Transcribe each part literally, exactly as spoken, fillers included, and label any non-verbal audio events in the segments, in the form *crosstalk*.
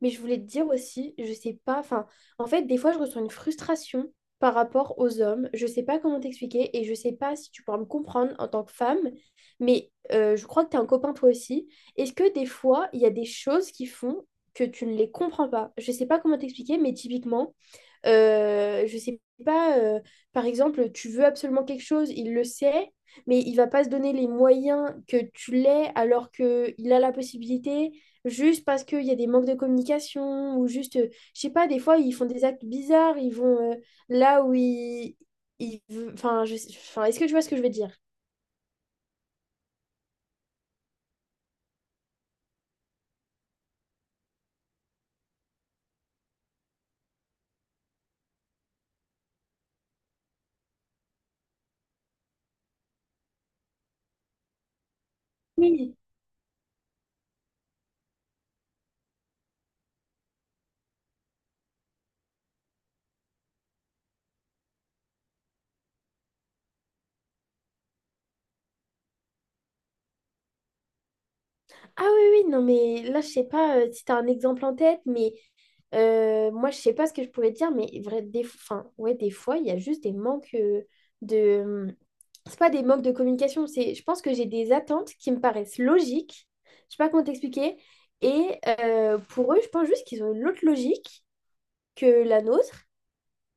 Mais je voulais te dire aussi, je sais pas, enfin, en fait, des fois, je ressens une frustration par rapport aux hommes. Je sais pas comment t'expliquer et je sais pas si tu pourras me comprendre en tant que femme, mais euh, je crois que tu as un copain toi aussi. Est-ce que des fois, il y a des choses qui font que tu ne les comprends pas? Je sais pas comment t'expliquer, mais typiquement, euh, je sais pas, euh, par exemple, tu veux absolument quelque chose, il le sait, mais il va pas se donner les moyens que tu l'aies alors qu'il a la possibilité, juste parce qu'il y a des manques de communication, ou juste, euh, je sais pas, des fois, ils font des actes bizarres, ils vont euh, là où ils... ils ve- Enfin, je sais- enfin, est-ce que tu vois ce que je veux dire? Oui. Ah oui, oui, non, mais là, je sais pas euh, si tu as un exemple en tête, mais euh, moi, je sais pas ce que je pourrais te dire, mais vrai, des, enfin, ouais, des fois, il y a juste des manques euh, de... hum, C'est pas des manques de communication, c'est, je pense que j'ai des attentes qui me paraissent logiques, je sais pas comment t'expliquer, et euh, pour eux, je pense juste qu'ils ont une autre logique que la nôtre,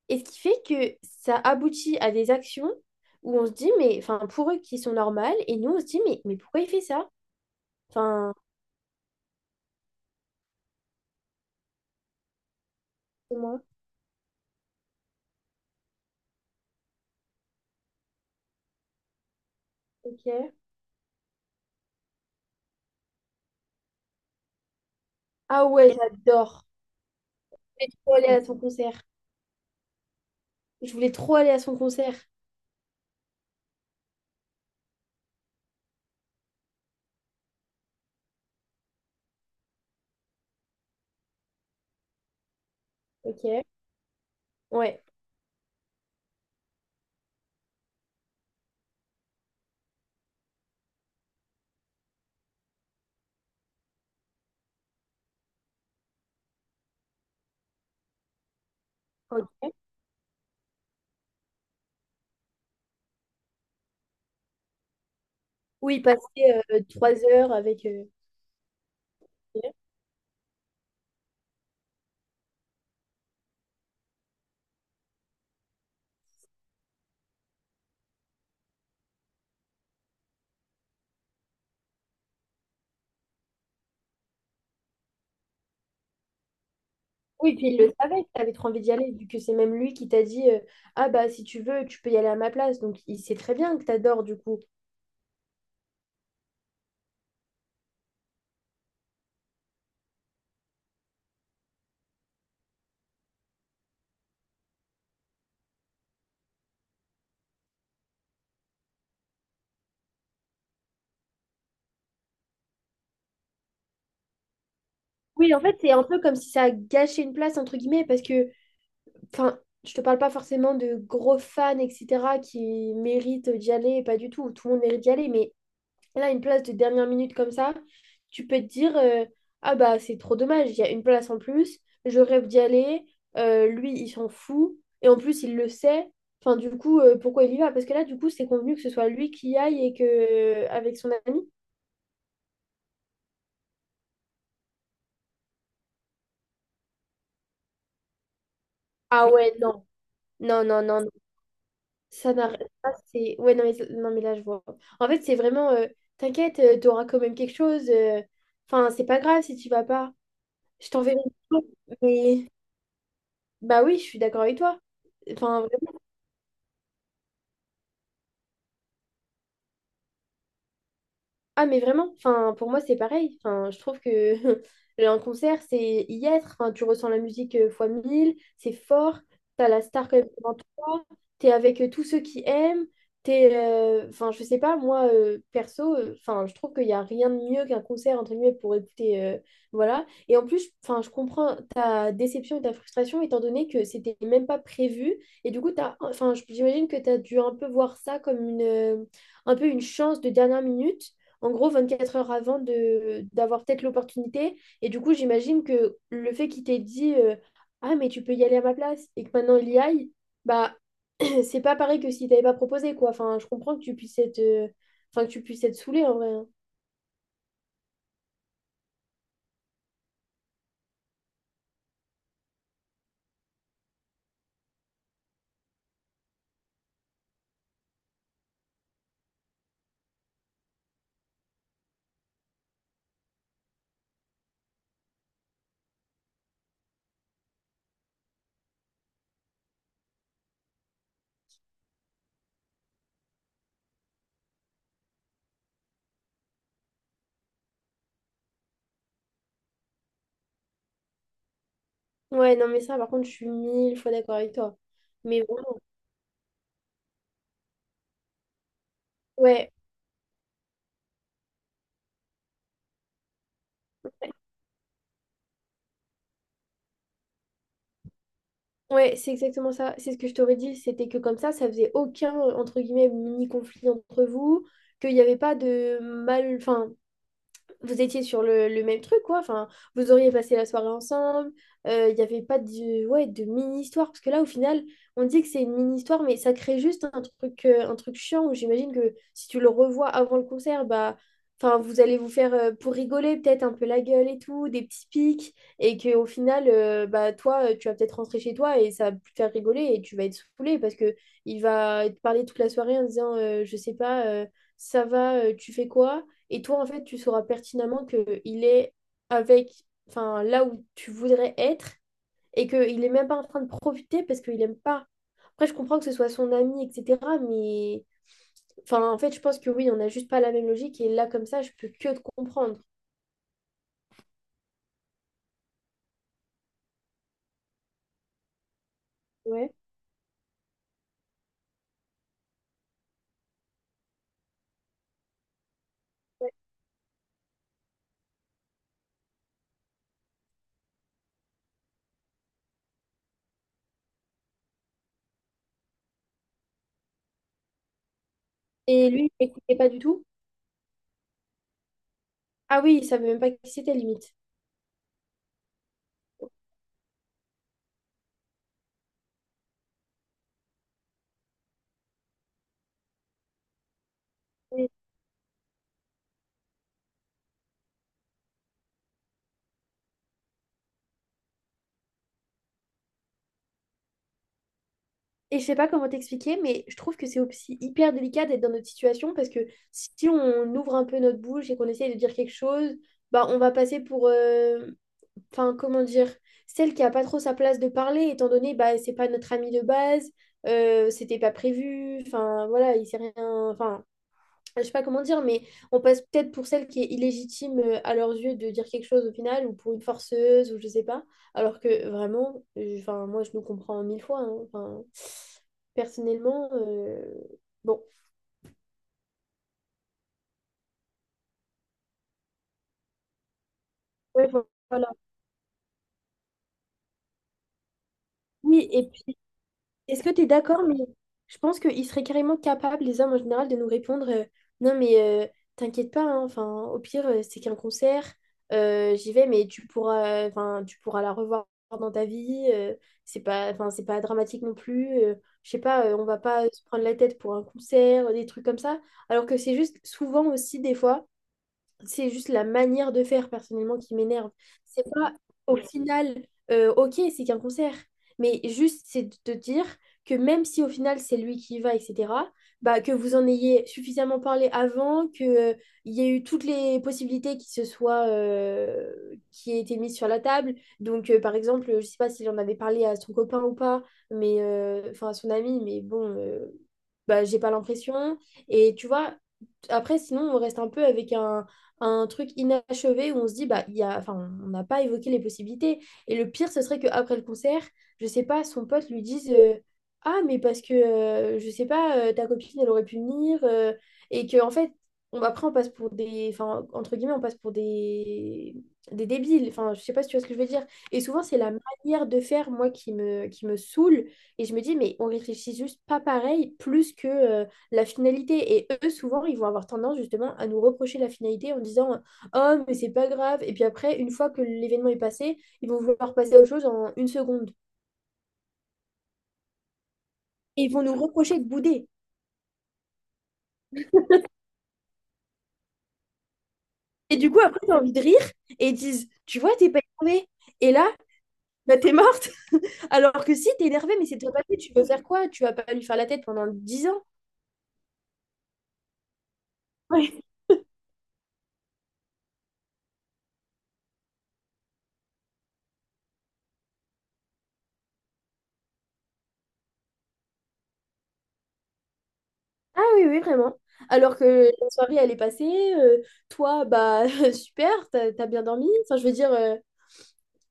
et ce qui fait que ça aboutit à des actions où on se dit, mais, enfin, pour eux qui sont normales, et nous, on se dit, mais, mais pourquoi il fait ça? Enfin, c'est moi, ok. Ah ouais, j'adore. Je voulais trop aller à son concert. Je voulais trop aller à son concert. Ok. Ouais. Ok. Oui, il passait euh, trois heures avec. euh, Oui, puis il le savait que t'avais trop envie d'y aller, vu que c'est même lui qui t'a dit euh, ah bah si tu veux, tu peux y aller à ma place. Donc il sait très bien que t'adores du coup. Oui, en fait, c'est un peu comme si ça a gâché une place, entre guillemets, parce que, enfin, je te parle pas forcément de gros fans, et cetera, qui méritent d'y aller, pas du tout, tout le monde mérite d'y aller, mais et là, une place de dernière minute comme ça, tu peux te dire euh, ah bah c'est trop dommage, il y a une place en plus, je rêve d'y aller, euh, lui il s'en fout, et en plus il le sait. Enfin, du coup, euh, pourquoi il y va? Parce que là, du coup, c'est convenu que ce soit lui qui y aille et que euh, avec son ami. Ah ouais, non, non, non, non, non. Ça n'a ça, c'est. Ouais, non mais, non, mais là, je vois. En fait, c'est vraiment euh, t'inquiète, euh, t'auras quand même quelque chose. euh, Enfin, c'est pas grave si tu vas pas. Je t'enverrai une photo, mais. Bah oui, je suis d'accord avec toi. Enfin, ah, mais vraiment, enfin, pour moi, c'est pareil. Enfin, je trouve que *laughs* un concert, c'est y être. Enfin, tu ressens la musique euh, fois mille, c'est fort. T'as la star quand même devant toi. T'es avec euh, tous ceux qui aiment. T'es, euh, enfin, je sais pas, moi, euh, perso, euh, enfin, je trouve qu'il n'y a rien de mieux qu'un concert, entre guillemets, pour écouter. Euh, voilà. Et en plus, enfin, je comprends ta déception et ta frustration, étant donné que c'était même pas prévu. Et du coup, t'as, enfin, je- j'imagine que t'as dû un peu voir ça comme une, euh, un peu une chance de dernière minute en gros vingt-quatre heures avant de d'avoir peut-être l'opportunité. Et du coup, j'imagine que le fait qu'il t'ait dit euh, ah, mais tu peux y aller à ma place et que maintenant il y aille, bah *clears throat* c'est pas pareil que si t'avais pas proposé, quoi. Enfin, je comprends que tu puisses être, euh, enfin, que tu puisses être saoulé en vrai, hein. Ouais, non, mais ça, par contre, je suis mille fois d'accord avec toi. Mais vraiment, ouais. Ouais, c'est exactement ça. C'est ce que je t'aurais dit. C'était que comme ça, ça faisait aucun, entre guillemets, mini-conflit entre vous, qu'il n'y avait pas de mal, enfin, vous étiez sur le, le même truc, quoi. Enfin, vous auriez passé la soirée ensemble. euh, Il n'y avait pas de, ouais, de mini-histoire. Parce que là, au final, on dit que c'est une mini-histoire, mais ça crée juste un truc, euh, un truc chiant où j'imagine que si tu le revois avant le concert, bah, enfin, vous allez vous faire, euh, pour rigoler, peut-être un peu la gueule et tout, des petits pics. Et qu'au final, euh, bah, toi, euh, tu vas peut-être rentrer chez toi et ça va plus te faire rigoler et tu vas être saoulé parce que il va te parler toute la soirée en disant, euh, je sais pas, euh, ça va, euh, tu fais quoi? Et toi, en fait, tu sauras pertinemment qu'il est avec, enfin, là où tu voudrais être et qu'il n'est même pas en train de profiter parce qu'il n'aime pas. Après, je comprends que ce soit son ami, et cetera. Mais, enfin, en fait, je pense que oui, on n'a juste pas la même logique. Et là, comme ça, je peux que te comprendre. Ouais. Et lui, il n'écoutait pas du tout. Ah oui, il savait même pas qui c'était, limite. Mm. Et je sais pas comment t'expliquer, mais je trouve que c'est aussi hyper délicat d'être dans notre situation parce que si on ouvre un peu notre bouche et qu'on essaye de dire quelque chose, bah on va passer pour, euh, enfin comment dire, celle qui a pas trop sa place de parler étant donné bah c'est pas notre ami de base, euh, c'était pas prévu, enfin voilà, il s'est rien, enfin je sais pas comment dire, mais on passe peut-être pour celle qui est illégitime euh, à leurs yeux de dire quelque chose au final, ou pour une forceuse, ou je sais pas. Alors que vraiment, euh, enfin, moi je nous comprends mille fois, hein. Enfin, personnellement, euh, bon. Ouais, voilà. Oui, et puis. Est-ce que tu es d'accord, mais je pense qu'ils seraient carrément capables, les hommes en général, de nous répondre euh, non, mais euh, t'inquiète pas, hein, enfin, au pire, euh, c'est qu'un concert, euh, j'y vais, mais tu pourras, enfin, tu pourras la revoir dans ta vie, euh, c'est pas, enfin, c'est pas dramatique non plus, euh, je sais pas, euh, on va pas se prendre la tête pour un concert, euh, des trucs comme ça, alors que c'est juste souvent aussi, des fois, c'est juste la manière de faire personnellement qui m'énerve. C'est pas au final, euh, ok, c'est qu'un concert, mais juste c'est de te dire que même si au final c'est lui qui y va, et cetera, bah, que vous en ayez suffisamment parlé avant, qu'il il y ait eu toutes les possibilités qui se soient, euh, qui aient été mises sur la table. Donc, euh, par exemple, je sais pas s'il en avait parlé à son copain ou pas, mais euh, enfin à son ami, mais bon, euh, bah, j'ai pas l'impression. Et tu vois, après, sinon, on reste un peu avec un, un truc inachevé où on se dit, bah, il y a, enfin, on n'a pas évoqué les possibilités. Et le pire, ce serait qu'après le concert, je sais pas, son pote lui dise, euh, ah, mais parce que, euh, je sais pas, euh, ta copine, elle aurait pu venir. Euh, et que, en fait, on, après, on passe pour des, enfin, entre guillemets, on passe pour des, des débiles. Enfin, je sais pas si tu vois ce que je veux dire. Et souvent, c'est la manière de faire, moi, qui me, qui me saoule. Et je me dis, mais on réfléchit juste pas pareil, plus que euh, la finalité. Et eux, souvent, ils vont avoir tendance justement à nous reprocher la finalité en disant oh, mais c'est pas grave. Et puis après, une fois que l'événement est passé, ils vont vouloir passer à autre chose en une seconde. Et ils vont nous reprocher de bouder. Et du coup, après, tu envie de rire et ils disent tu vois, t'es pas énervé. Et là, bah, t'es morte. *laughs* Alors que si, t'es énervé, mais c'est déjà passé. Tu veux faire quoi? Tu vas pas lui faire la tête pendant dix ans. Ouais. Ah oui, oui, vraiment. Alors que la soirée, elle est passée. euh, Toi, bah, *laughs* super, t'as t'as bien dormi. Enfin, je veux dire, euh,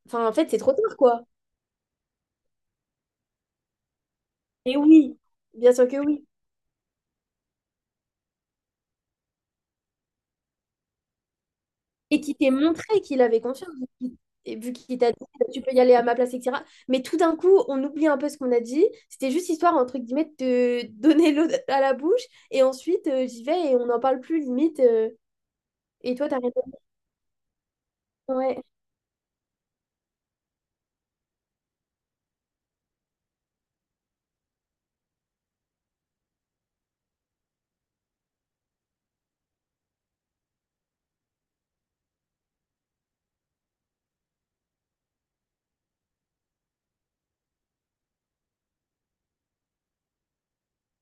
enfin, en fait, c'est trop tard, quoi. Et oui, bien sûr que oui. Et qui t'ait montré qu'il avait confiance, vu qu'il et vu qu'il t'a dit bah, tu peux y aller à ma place, et cetera. Mais tout d'un coup, on oublie un peu ce qu'on a dit. C'était juste histoire, entre guillemets, de *laughs* te donner l'eau à la bouche. Et ensuite, euh, j'y vais et on n'en parle plus, limite. Euh, et toi, t'arrêtes. Ouais,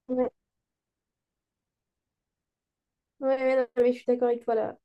ouais, ouais, ouais, non, mais je suis d'accord avec toi là.